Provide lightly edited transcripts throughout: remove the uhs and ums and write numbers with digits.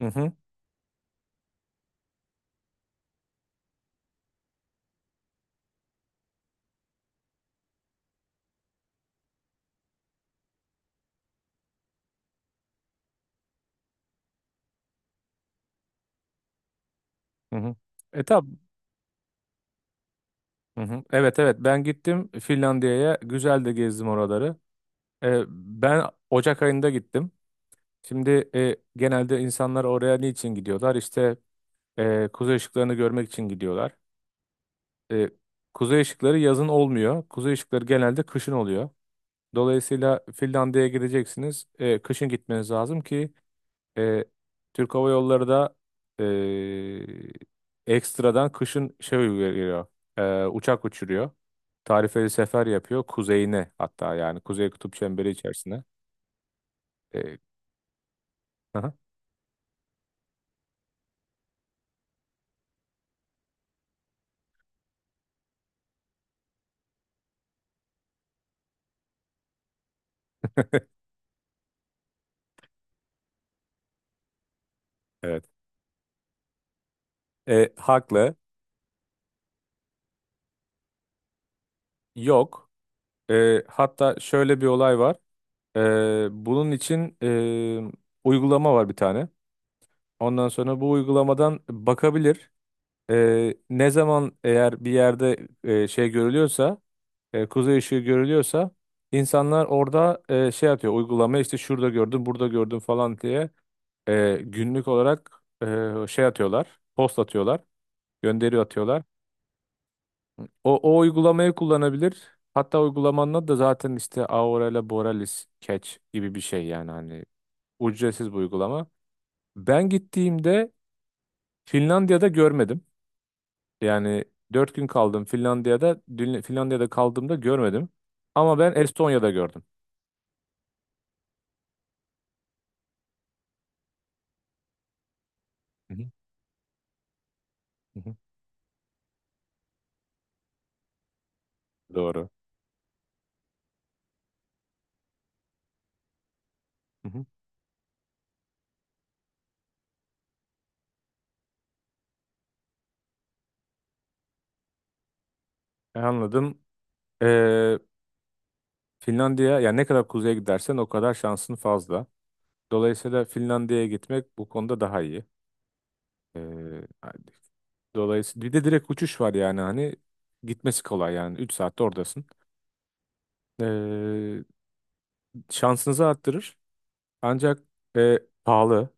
Hı hı, hı hı. E tab hı hı. Evet evet ben gittim Finlandiya'ya güzel de gezdim oraları. Ben Ocak ayında gittim. Şimdi genelde insanlar oraya niçin gidiyorlar? İşte kuzey ışıklarını görmek için gidiyorlar. E, Kuzey ışıkları yazın olmuyor. Kuzey ışıkları genelde kışın oluyor. Dolayısıyla Finlandiya'ya gideceksiniz. Kışın gitmeniz lazım ki e, Türk Hava Yolları da ekstradan kışın şey uyguluyor. Uçak uçuruyor. Tarifeli sefer yapıyor kuzeyine hatta yani kuzey kutup çemberi içerisine. E, aha, evet. Haklı. Yok. Hatta şöyle bir olay var. Bunun için uygulama var bir tane. Ondan sonra bu uygulamadan bakabilir. Ne zaman eğer bir yerde şey görülüyorsa kuzey ışığı görülüyorsa insanlar orada şey atıyor uygulama işte şurada gördüm burada gördüm falan diye günlük olarak şey atıyorlar post atıyorlar gönderi atıyorlar. O uygulamayı kullanabilir. Hatta uygulamanın adı da zaten işte Aurela Borealis Catch gibi bir şey yani hani ücretsiz bir uygulama. Ben gittiğimde Finlandiya'da görmedim. Yani 4 gün kaldım Finlandiya'da. Finlandiya'da kaldığımda görmedim. Ama ben Estonya'da gördüm. Hı hı. Hı hı. Doğru. Hı hı. Anladım. Ee, Finlandiya yani ne kadar kuzeye gidersen o kadar şansın fazla. Dolayısıyla Finlandiya'ya gitmek bu konuda daha iyi. Ee, hani dolayısıyla bir de direkt uçuş var yani hani gitmesi kolay yani 3 saatte oradasın. Ee, şansınızı arttırır. Ancak e, pahalı.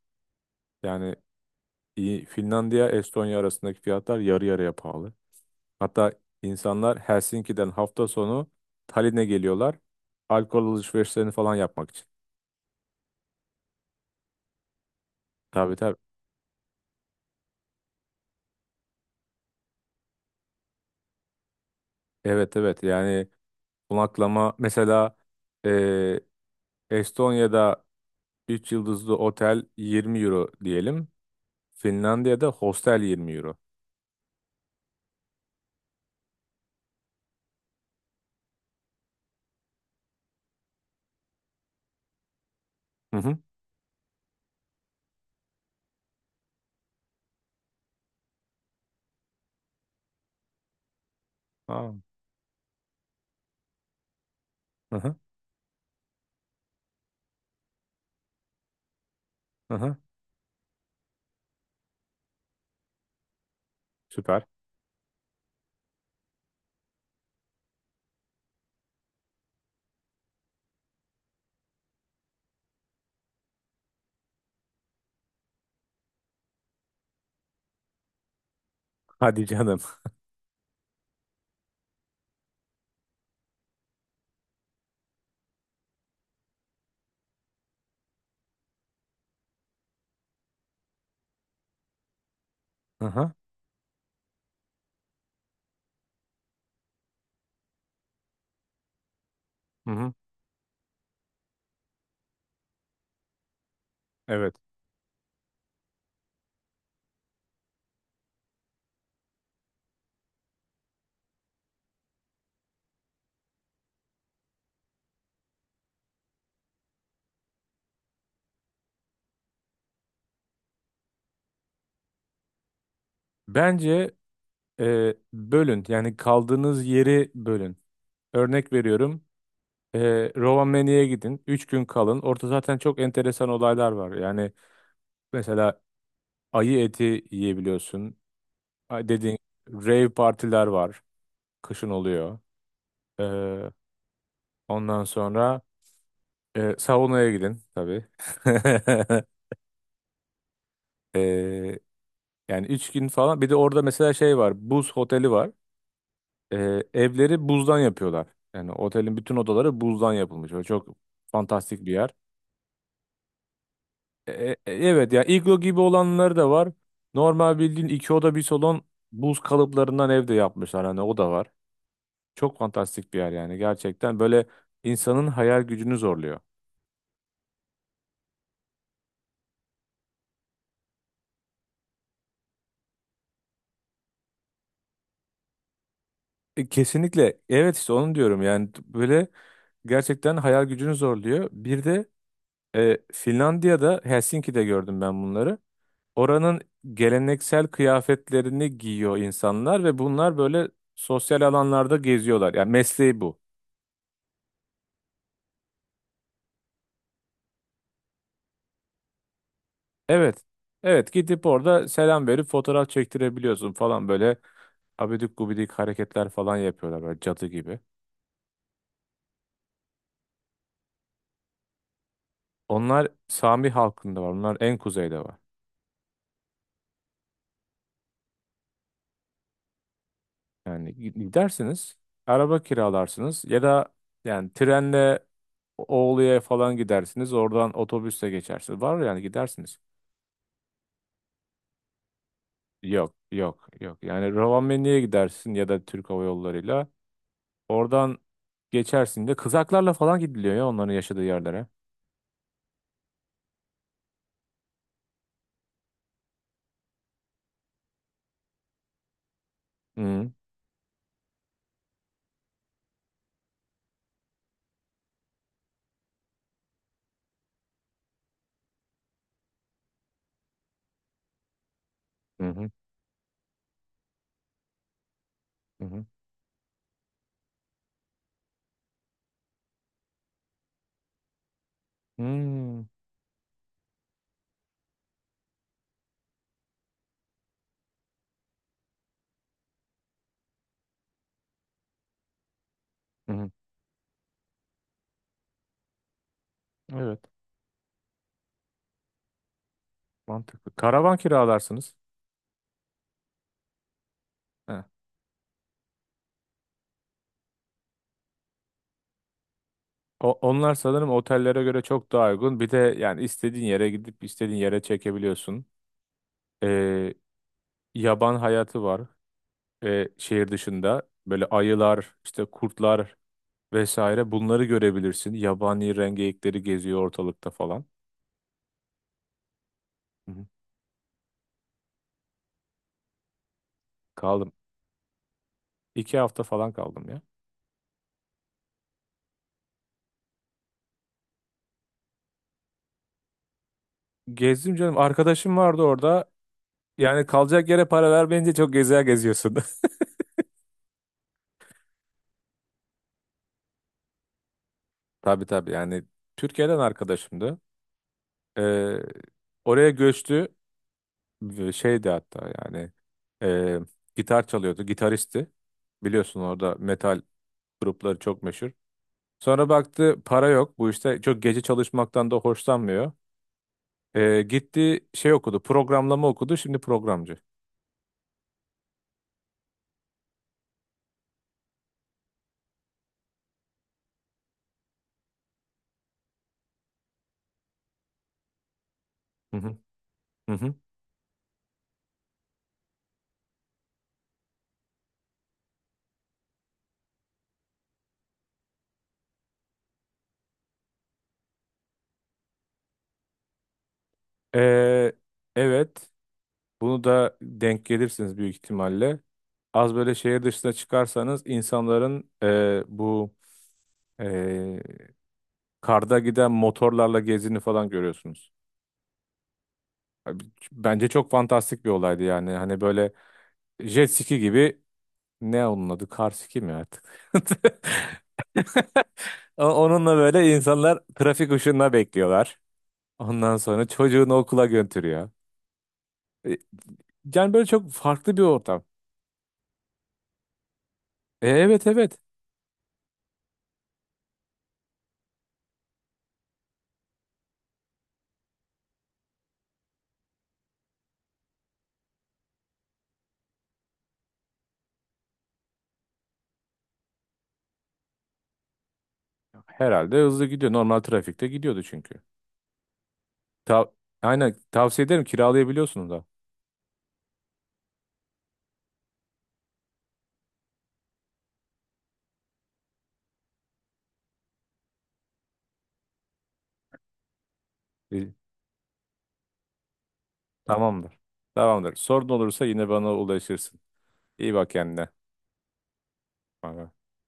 Yani Finlandiya Estonya arasındaki fiyatlar yarı yarıya pahalı. Hatta insanlar Helsinki'den hafta sonu Tallinn'e geliyorlar. Alkol alışverişlerini falan yapmak için. Tabii tabii. Evet evet yani konaklama mesela eee, Estonya'da 3 yıldızlı otel 20 euro diyelim. Finlandiya'da hostel 20 euro. Hı hı. Aa. Hı hı. Hı hı. Süper. Hadi canım. Hı hı. Hı hı. Evet. Bence bölün yani kaldığınız yeri bölün. Örnek veriyorum. Rovaniemi'ye gidin. 3 gün kalın. Orada zaten çok enteresan olaylar var. Yani mesela ayı eti yiyebiliyorsun. Ay, dediğin rave partiler var. Kışın oluyor. Ee, ondan sonra saunaya gidin tabii. Ee, yani 3 gün falan. Bir de orada mesela şey var. Buz oteli var. Evleri buzdan yapıyorlar. Yani otelin bütün odaları buzdan yapılmış. Böyle çok fantastik bir yer. Evet ya iglo gibi olanları da var. Normal bildiğin iki oda bir salon buz kalıplarından evde yapmışlar. Hani o da var. Çok fantastik bir yer yani gerçekten böyle insanın hayal gücünü zorluyor. Kesinlikle evet işte onu diyorum yani böyle gerçekten hayal gücünü zorluyor. Bir de Finlandiya'da Helsinki'de gördüm ben bunları. Oranın geleneksel kıyafetlerini giyiyor insanlar ve bunlar böyle sosyal alanlarda geziyorlar. Yani mesleği bu. Evet. Evet gidip orada selam verip fotoğraf çektirebiliyorsun falan böyle abidik gubidik hareketler falan yapıyorlar böyle cadı gibi. Onlar Sami halkında var. Onlar en kuzeyde var. Yani gidersiniz, araba kiralarsınız ya da yani trenle Oğlu'ya falan gidersiniz. Oradan otobüsle geçersiniz. Var yani gidersiniz. Yok, yok, yok. Yani Rovaniemi'ye gidersin ya da Türk Hava Yolları'yla. Oradan geçersin de kızaklarla falan gidiliyor ya onların yaşadığı yerlere. Hı hı, hı hı. Hı hı. Hmm, hı. Evet, mantıklı. Karavan kiralarsınız. Heh. Onlar sanırım otellere göre çok daha uygun. Bir de yani istediğin yere gidip istediğin yere çekebiliyorsun. Ee, yaban hayatı var şehir dışında. Böyle ayılar, işte kurtlar vesaire bunları görebilirsin. Yabani rengeyikleri geziyor ortalıkta falan. Hı hı. Kaldım. 2 hafta falan kaldım ya. Gezdim canım. Arkadaşım vardı orada. Yani kalacak yere para vermeyince çok gezer geziyorsun. Tabii tabii yani Türkiye'den arkadaşımdı. Ee, oraya göçtü. Ve şeydi hatta yani e, gitar çalıyordu. Gitaristi. Biliyorsun orada metal grupları çok meşhur. Sonra baktı para yok. Bu işte çok gece çalışmaktan da hoşlanmıyor. Gitti şey okudu. Programlama okudu. Şimdi programcı. Hı hı. Hı hı. E, evet. Bunu da denk gelirsiniz büyük ihtimalle. Az böyle şehir dışına çıkarsanız insanların bu e, karda giden motorlarla gezini falan görüyorsunuz. Abi, bence çok fantastik bir olaydı yani. Hani böyle jet ski gibi ne onun adı? Kar ski mi artık? Onunla böyle insanlar trafik ışığında bekliyorlar. Ondan sonra çocuğunu okula götürüyor. E, Yani böyle çok farklı bir ortam. Evet evet. Herhalde hızlı gidiyor. Normal trafikte gidiyordu çünkü. Ta Aynen tavsiye ederim kiralayabiliyorsunuz da. E, Tamamdır. Tamamdır. Sorun olursa yine bana ulaşırsın. İyi bak kendine. Bay bay.